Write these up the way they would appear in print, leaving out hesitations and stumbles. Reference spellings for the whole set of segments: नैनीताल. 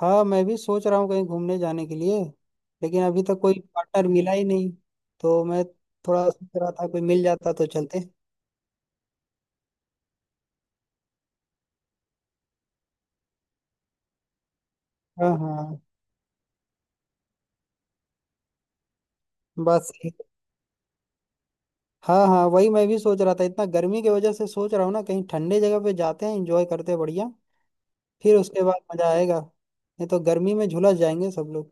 हाँ, मैं भी सोच रहा हूँ कहीं घूमने जाने के लिए। लेकिन अभी तक कोई पार्टनर मिला ही नहीं, तो मैं थोड़ा सोच रहा था कोई मिल जाता तो चलते। हाँ, हाँ। बस एक- हाँ, हाँ, वही मैं भी सोच रहा था। इतना गर्मी की वजह से सोच रहा हूँ ना, कहीं ठंडे जगह पे जाते हैं, एंजॉय करते हैं, बढ़िया। फिर उसके बाद मजा आएगा, नहीं तो गर्मी में झुलस जाएंगे सब लोग।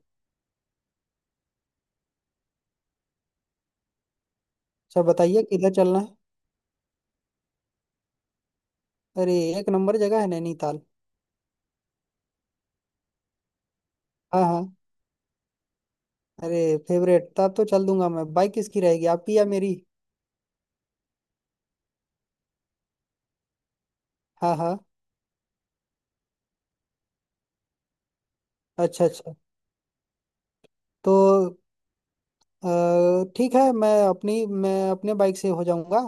सब बताइए किधर चलना है। अरे, एक नंबर जगह है नैनीताल। हाँ, हाँ। अरे, फेवरेट, तब तो चल दूंगा मैं। बाइक किसकी रहेगी, आपकी या मेरी? हाँ, हाँ। अच्छा, अच्छा। तो अ, ठीक है, मैं अपने बाइक से हो जाऊंगा।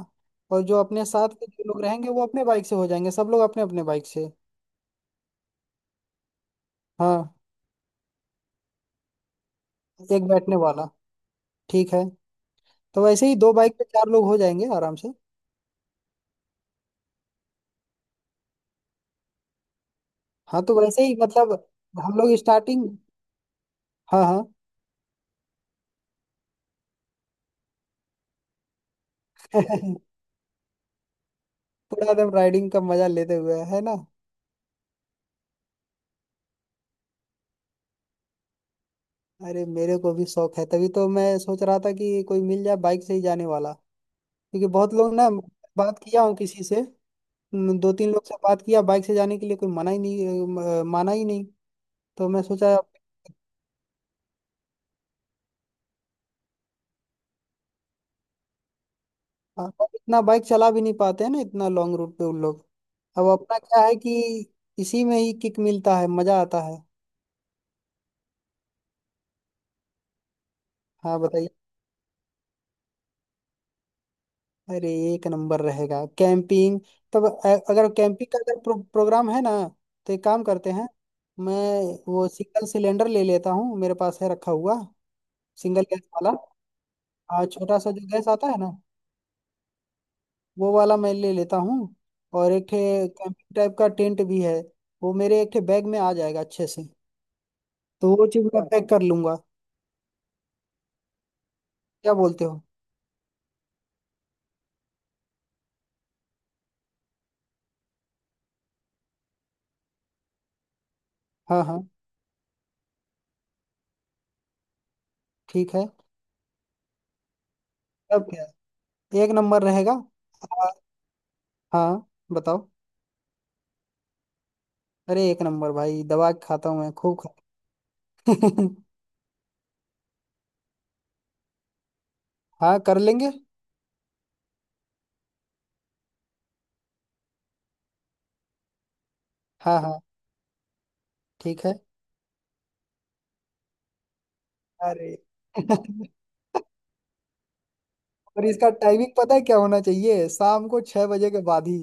और जो अपने साथ के जो लोग रहेंगे वो अपने बाइक से हो जाएंगे, सब लोग अपने अपने बाइक से। हाँ, एक बैठने वाला। ठीक है। तो वैसे ही दो बाइक पे चार लोग हो जाएंगे आराम से। हाँ, तो वैसे ही मतलब हम लोग स्टार्टिंग। हाँ, हाँ। पूरा एकदम राइडिंग का मजा लेते हुए, है ना? अरे, मेरे को भी शौक है, तभी तो मैं सोच रहा था कि कोई मिल जाए बाइक से ही जाने वाला। क्योंकि बहुत लोग ना, बात किया हूँ किसी से। दो तीन लोग से बात किया बाइक से जाने के लिए, कोई मना ही नहीं, माना ही नहीं। तो मैं सोचा अब। हाँ, अब इतना बाइक चला भी नहीं पाते हैं ना, इतना लॉन्ग रूट पे उन लोग। अब अपना क्या है कि इसी में ही किक मिलता है, मजा आता है। हाँ, बताइए। अरे, एक नंबर रहेगा कैंपिंग। तब अगर कैंपिंग का अगर प्रोग्राम है ना, तो एक काम करते हैं। मैं वो सिंगल सिलेंडर ले लेता हूँ, मेरे पास है रखा हुआ। सिंगल गैस वाला, और छोटा सा जो गैस आता है ना, वो वाला मैं ले लेता हूँ। और एक ठे कैंपिंग टाइप का टेंट भी है, वो मेरे एक ठे बैग में आ जाएगा अच्छे से। तो वो चीज़ मैं पैक कर लूंगा। क्या बोलते हो? हाँ, हाँ। ठीक है। अब क्या, एक नंबर रहेगा। हाँ, हाँ, बताओ। अरे, एक नंबर भाई, दवा के खाता हूँ, मैं खूब खा। हाँ, कर लेंगे। हाँ, हाँ। ठीक है। अरे। और इसका टाइमिंग पता है क्या होना चाहिए? शाम को 6 बजे के बाद ही।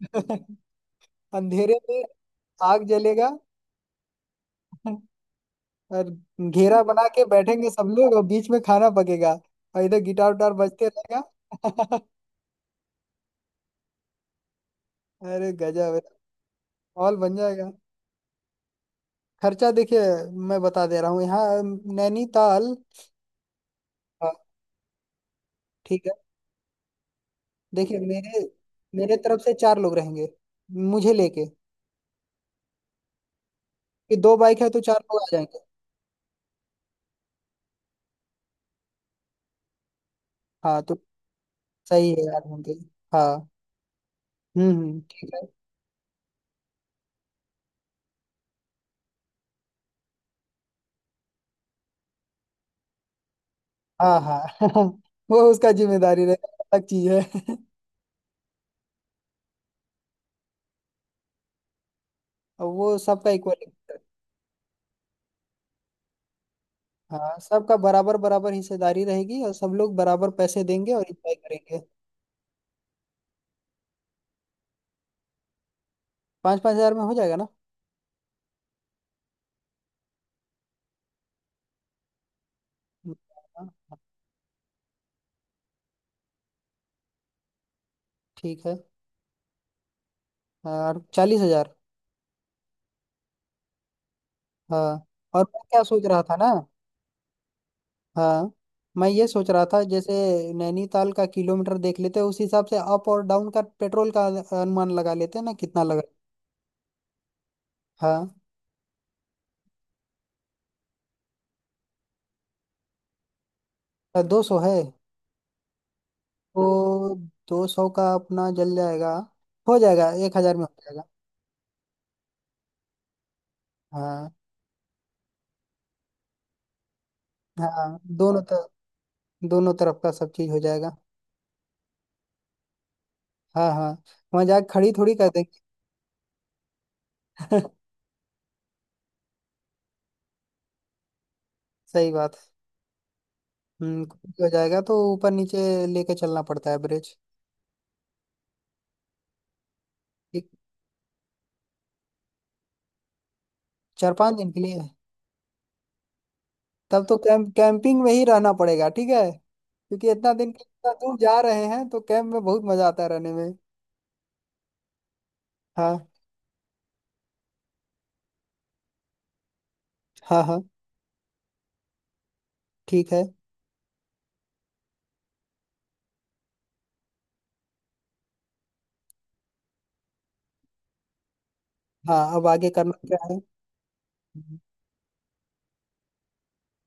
अंधेरे में आग जलेगा। और घेरा बना के बैठेंगे सब लोग, और बीच में खाना पकेगा। और इधर गिटार उटार बजते रहेगा। अरे, गजब है। हॉल बन जाएगा। खर्चा देखिए, मैं बता दे रहा हूँ, यहाँ नैनीताल। हाँ। ठीक है। देखिए, मेरे मेरे तरफ से चार लोग रहेंगे, मुझे लेके। कि दो बाइक है तो चार लोग आ जाएंगे। हाँ, तो सही है यार, होंगे। हाँ। हम्म, ठीक है। हाँ, हाँ। वो उसका जिम्मेदारी रहेगा, अलग चीज है। और वो सबका इक्वल। हाँ, सबका बराबर बराबर हिस्सेदारी रहेगी, और सब लोग बराबर पैसे देंगे और इंजॉय करेंगे। पाँच पाँच हजार में हो जाएगा ना? हाँ, ठीक है। और 40,000। हाँ। और मैं क्या सोच रहा था ना। हाँ। मैं ये सोच रहा था, जैसे, नैनीताल का किलोमीटर देख लेते हैं, उस हिसाब से अप और डाउन का पेट्रोल का अनुमान लगा लेते हैं ना कितना लगा। हाँ, तो 200 है। तो 200 का अपना जल जाएगा, हो जाएगा, 1,000 में हो जाएगा। हाँ, हाँ, दोनों तरफ। दोनों तरफ का सब चीज हो जाएगा। हाँ, हाँ। वहां जाके खड़ी थोड़ी कर देंगे। सही बात है। कुछ भी हो जाएगा तो ऊपर नीचे लेके चलना पड़ता है ब्रिज। एक, चार पांच दिन के लिए। तब तो कैंप कैंपिंग में ही रहना पड़ेगा, ठीक है, क्योंकि इतना दिन इतना दूर जा रहे हैं तो कैंप में बहुत मजा आता है रहने में। हाँ, हाँ। हाँ, ठीक है। हाँ, अब आगे करना क्या है।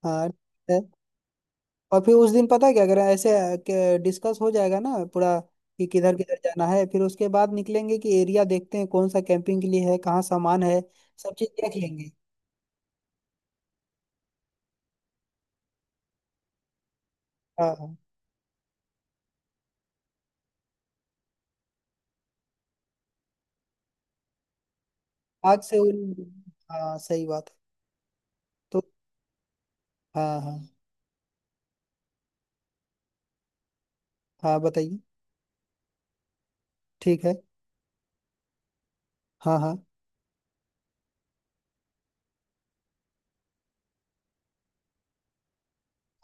हाँ, ठीक है। और फिर उस दिन पता है क्या करें, ऐसे डिस्कस हो जाएगा ना पूरा, कि किधर किधर जाना है, फिर उसके बाद निकलेंगे कि एरिया देखते हैं कौन सा कैंपिंग के लिए है, कहाँ सामान है, सब चीज देख लेंगे। हाँ, हाँ। आग से उन, हाँ सही बात है। तो, हाँ, हाँ। हाँ, बताइए। ठीक है। हाँ, हाँ।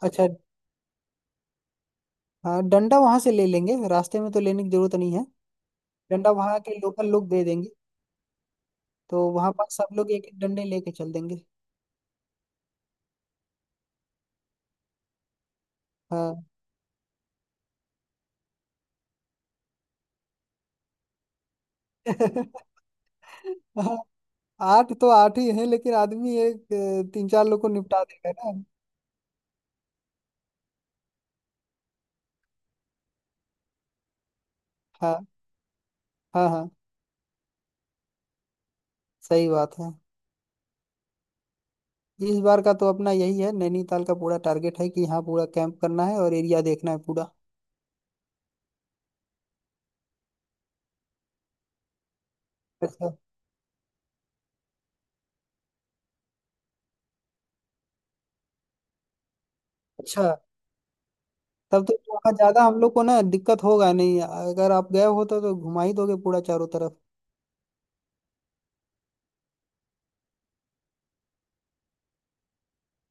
अच्छा। हाँ, डंडा वहां से ले लेंगे, रास्ते में तो लेने की जरूरत नहीं है। डंडा वहां के लोकल लोग दे देंगे। तो वहां पर सब लोग एक एक डंडे लेके चल देंगे। हाँ। आठ तो आठ ही है, लेकिन आदमी एक तीन चार लोग को निपटा देगा ना। हाँ, हाँ। हाँ, सही बात है। इस बार का तो अपना यही है, नैनीताल का पूरा टारगेट है कि यहाँ पूरा कैंप करना है और एरिया देखना है पूरा। अच्छा। अच्छा, तब तो वहाँ ज्यादा हम लोग को ना दिक्कत होगा नहीं, अगर आप गए हो तो घुमा ही दोगे पूरा चारों तरफ।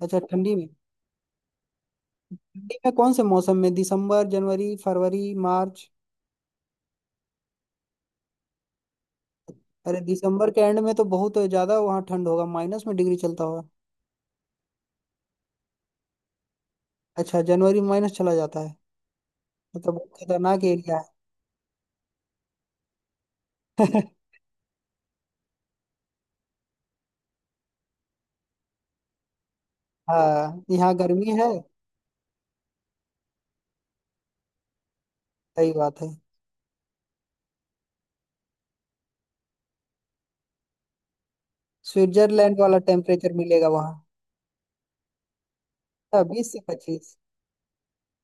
अच्छा, ठंडी में। ठंडी में कौन से मौसम में, दिसंबर, जनवरी, फरवरी, मार्च? अरे, दिसंबर के एंड में तो बहुत ज्यादा वहाँ ठंड होगा, माइनस में डिग्री चलता होगा। अच्छा, जनवरी माइनस चला जाता है। ये तो बहुत खतरनाक एरिया है। हाँ, यहाँ गर्मी है। सही बात है। स्विट्जरलैंड वाला टेम्परेचर मिलेगा वहाँ। 20 से 25।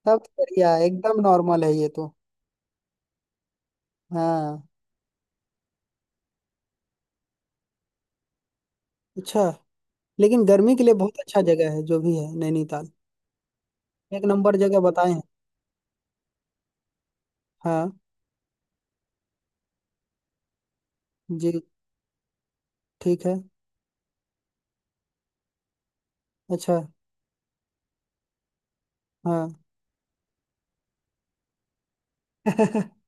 तब तो बढ़िया है, एकदम नॉर्मल है ये तो। हाँ। अच्छा। लेकिन गर्मी के लिए बहुत अच्छा जगह है जो भी है नैनीताल। एक नंबर जगह बताए हैं। हाँ। जी। ठीक है। अच्छा। हाँ।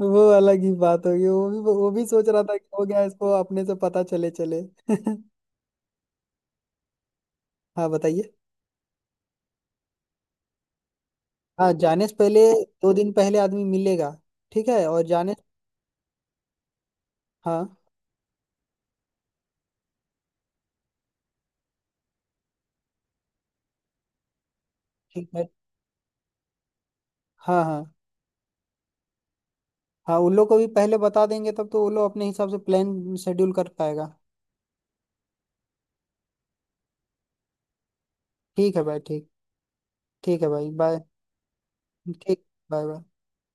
वो अलग ही बात होगी, वो भी सोच रहा था कि हो गया इसको अपने से पता चले चले। हाँ, बताइए। हाँ, जाने से पहले दो दिन पहले आदमी मिलेगा। ठीक है। और जाने। हाँ, ठीक है। हाँ, हाँ। हाँ, उन लोग को भी पहले बता देंगे, तब तो वो लोग अपने हिसाब से प्लान शेड्यूल कर पाएगा। ठीक है भाई, ठीक। ठीक है भाई, बाय। ठीक। Bye, bye.